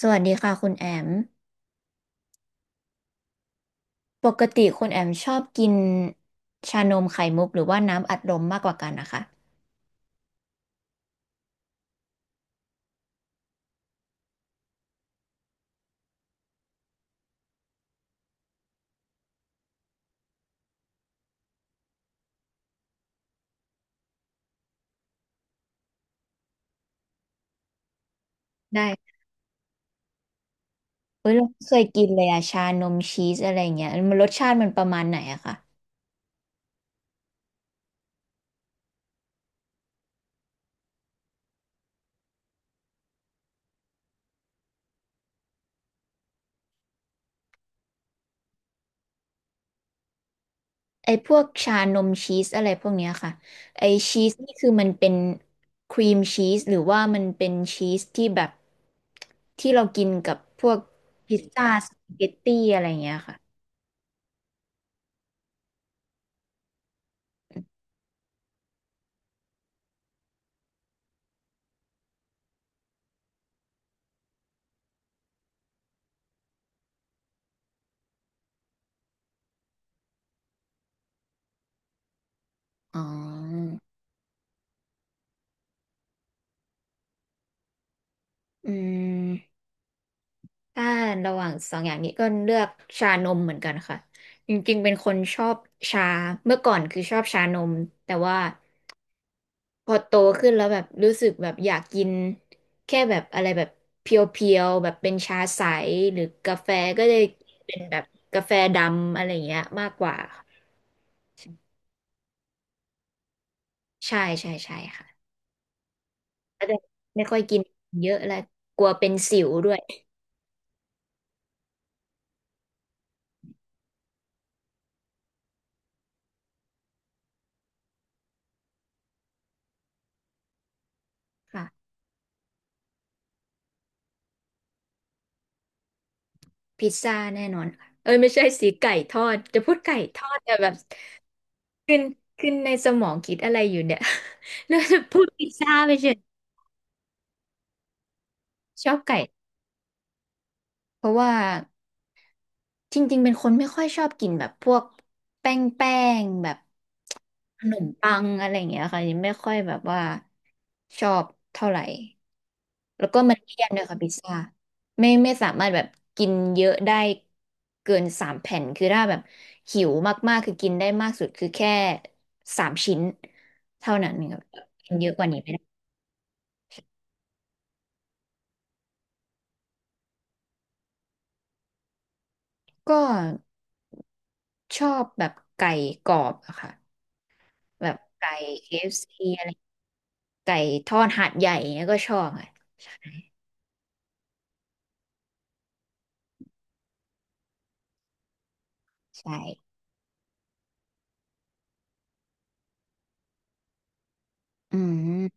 สวัสดีค่ะคุณแอม ปกติคุณแอมชอบกินชานมไข่มุกหรือว่าน้ำอัดลมมากกว่ากันนะคะ ได้เฮ้ยเราไม่เคยกินเลยอะชานมชีสอะไรเงี้ยมันรสชาติมันประมาณไหนอะคะไอพวกชานมชีสอะไรพวกเนี้ยค่ะไอชีสนี่คือมันเป็นครีมชีสหรือว่ามันเป็นชีสที่แบบที่เรากินกับพวกพิซซ่าสปาเกตตี้อะไรเงี้ยค่ะอ๋ออืม ถ้าระหว่างสองอย่างนี้ก็เลือกชานมเหมือนกันค่ะจริงๆเป็นคนชอบชาเมื่อก่อนคือชอบชานมแต่ว่าพอโตขึ้นแล้วแบบรู้สึกแบบอยากกินแค่แบบอะไรแบบเพียวๆแบบเป็นชาใสหรือกาแฟก็เลยเป็นแบบกาแฟดำอะไรอย่างเงี้ยมากกว่าค่ะใช่ใช่ใช่ค่ะก็จะไม่ค่อยกินเยอะแล้วกลัวเป็นสิวด้วยค่ะพิซซ่าแน่นอนค่ะเอ้ยไม่ใช่สีไก่ทอดจะพูดไก่ทอดแต่แบบ ขึ้นขึ้นในสมองคิดอะไรอยู่เนี่ย แล้วจะพูดพิซซ่าไปเฉยชอบไก่เพราะว่าจริงๆเป็นคนไม่ค่อยชอบกินแบบพวกแป้งแป้งแบบขนมปังอะไรอย่างเงี้ยค่ะยังไม่ค่อยแบบว่าชอบเท่าไหร่แล้วก็มันเลี่ยนด้วยค่ะพิซซ่าไม่ไม่สามารถแบบกินเยอะได้เกินสามแผ่นคือถ้าแบบหิวมากๆคือกินได้มากสุดคือแค่สามชิ้นเท่านั้นครับกินเยอะกว่านี้ไม่ได้ ก็ชอบแบบไก่กรอบอะค่ะแบบไก่ KFC อฟซีอะไรไก่ทอดหาดใหญ่เนี่ยก็ชอบอะใช่อืม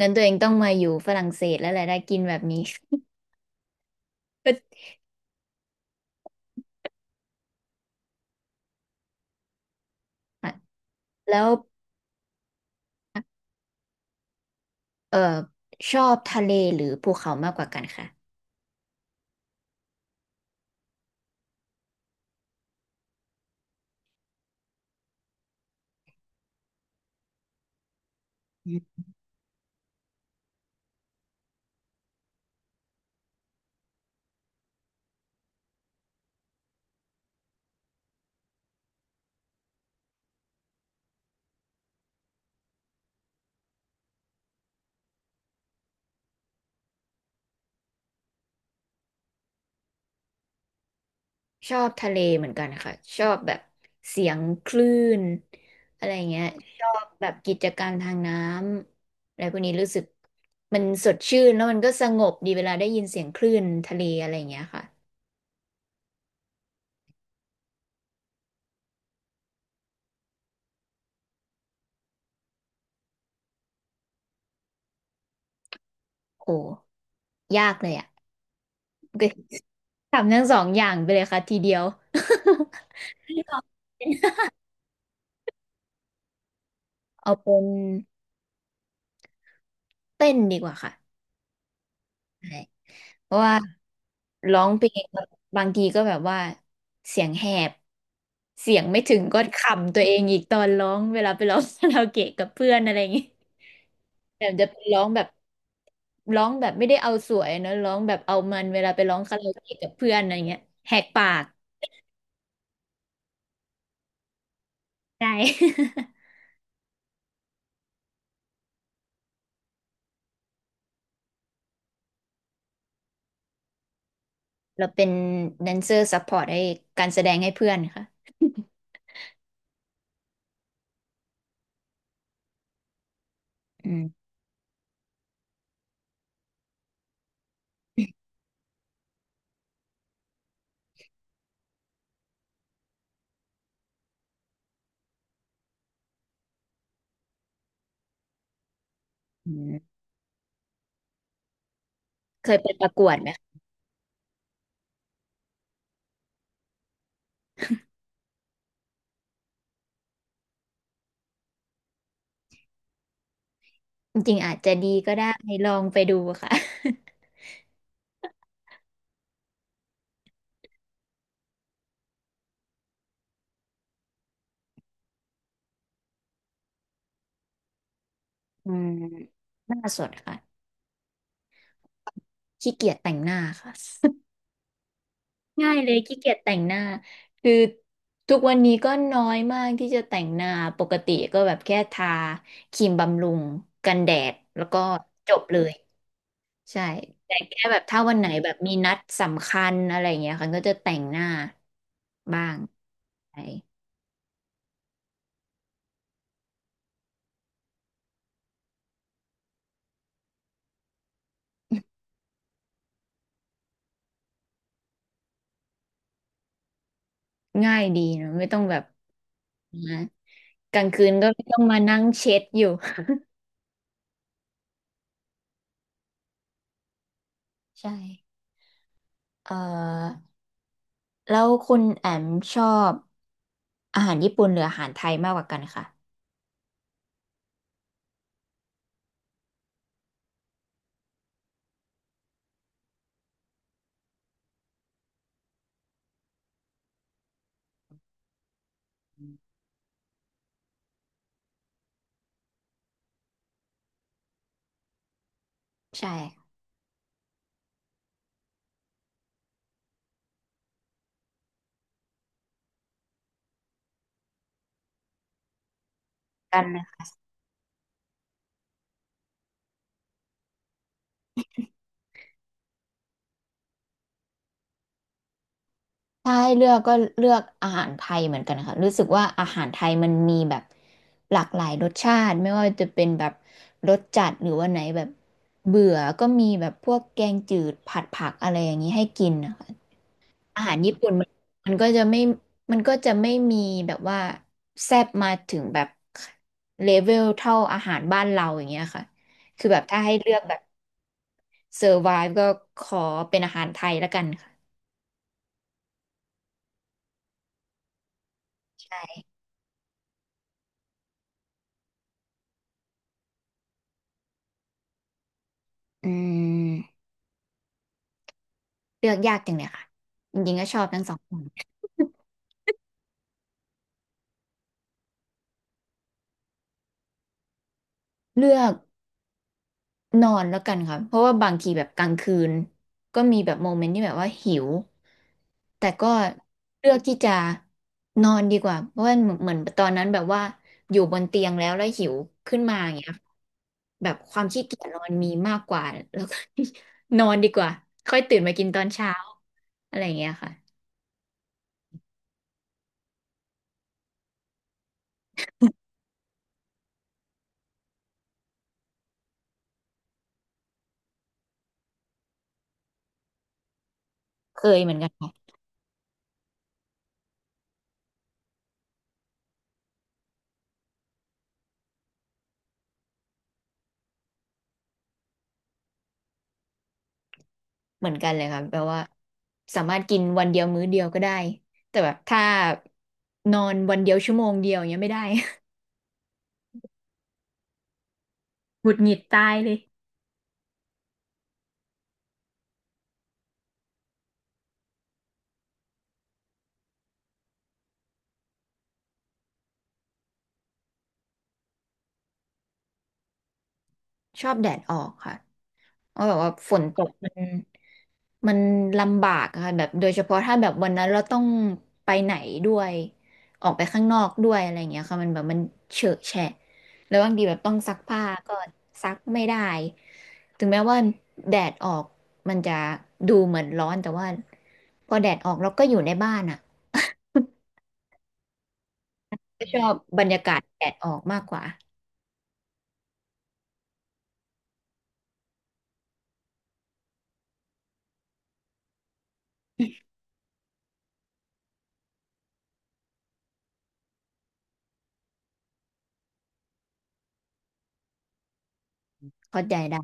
งั้นตัวเองต้องมาอยู่ฝรั่งเศสแล้วแหละได้กินแบบนี้ อ่ะแล้วเออชอบทะเลหรือภูเขามากกว่ากันค่ะอืมชอบทะเลเหมือนกันค่ะชอบแบบเสียงคลื่นอะไรเงี้ย แบบกิจกรรมทางน้ำอะไรพวกนี้รู้สึกมันสดชื่นแล้วมันก็สงบดีเวลาได้ยินเสียงคลื่นทะเลอะไรอย่างเงี้ยค่ะโอ้ยากเลยอ่ะก็ทำทั้งสองอย่างไปเลยค่ะทีเดียว เอาเป็นเต้นดีกว่าค่ะใช่ เพราะว่าร้องเพลงบางทีก็แบบว่าเสียงแหบเสียงไม่ถึงก็ขำตัวเองอีกตอนร้องเวลาไปร้องคาราโอเกะกับเพื่อนอะไรอย่างงี้แบบจะไปร้องแบบร้องแบบไม่ได้เอาสวยนะร้องแบบเอามันเวลาไปร้องคาราโอเกะกับเพื่อนอะไรเงี้ยแหกปากใช่ เราเป็นแดนเซอร์ซัพพอร์ตให้การแสดงให้เพื่อนค่ะอืมอืมเคยไปประกวดไหมคะจริงๆอาจจะดีก็ได้ลองไปดูค่ะ อืมหน้าสดค่ะขี้เกียจแต่งหน้าค่ะ ง่ายเลยขี้เกียจแต่งหน้าคือทุกวันนี้ก็น้อยมากที่จะแต่งหน้าปกติก็แบบแค่ทาครีมบำรุงกันแดดแล้วก็จบเลยใช่แต่แค่แบบถ้าวันไหนแบบมีนัดสำคัญอะไรอย่างเงี้ยค่ะก็จะแต่งหน้าบ้างใช่ง่ายดีเนอะไม่ต้องแบบนะกลางคืนก็ไม่ต้องมานั่งเช็ดอยู่ ใช่เอ่อ แล้วคุณแอมชอบอาหารญี่ปุ่นหรืออาหารไทยมากกว่ากันค่ะใช่กันนะถ้าให้เลือกก็เลือกอาหารไทยเหมือนกันค่ะรู้สึกว่าอาหารไทยมันมีแบบหลากหลายรสชาติไม่ว่าจะเป็นแบบรสจัดหรือว่าไหนแบบเบื่อก็มีแบบพวกแกงจืดผัดผักอะไรอย่างนี้ให้กินนะคะ อาหารญี่ปุ่นมันมันก็จะไม่มันก็จะไม่มีแบบว่าแซ่บมาถึงแบบเลเวลเท่าอาหารบ้านเราอย่างเงี้ยค่ะคือแบบถ้าให้เลือกแบบเซอร์ไวฟ์ก็ขอเป็นอาหารไทยละกันค่ะใช่อืมเลือกยากจังเลยค่ะจริงๆก็ชอบทั้งสองคนเลือก นอนแล้วกันค่ะเพราะว่าบางทีแบบกลางคืนก็มีแบบโมเมนต์ที่แบบว่าหิวแต่ก็เลือกที่จะนอนดีกว่าเพราะว่าเหมือนตอนนั้นแบบว่าอยู่บนเตียงแล้วหิวขึ้นมาอย่างเงี้ยค่ะแบบความขี้เกียจนอนมีมากกว่าแล้วก็ นอนดีกว่าค่อยตื่นมากินตอนเช้าอะไรอย่างเงี้ยค่ะเคยเหมือนกันค่ะเหมือนกันเลยค่ะแบบว่าสามารถกินวันเดียวมื้อเดียวก็ได้แต่แบบถ้านอนวันเดียวชั่วโมงเดียวอย่างเงี้ยไม่ได้ หงุดหงิดตายเลยชอบแดดออกค่ะเพราะแบบว่าฝนตกมันมันลำบากอะค่ะแบบโดยเฉพาะถ้าแบบวันนั้นเราต้องไปไหนด้วยออกไปข้างนอกด้วยอะไรอย่างเงี้ยค่ะมันแบบมันเฉอะแฉะแล้วบางทีแบบต้องซักผ้าก็ซักไม่ได้ถึงแม้ว่าแดดออกมันจะดูเหมือนร้อนแต่ว่าพอแดดออกเราก็อยู่ในบ้านอ่ะก็ชอบบรรยากาศแดดออกมากกว่าเข้าใจได้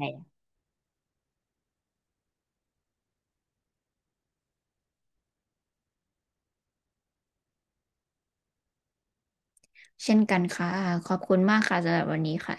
เช่นกันค่ะขอบคุณมากค่ะสำหรับวันนี้ค่ะ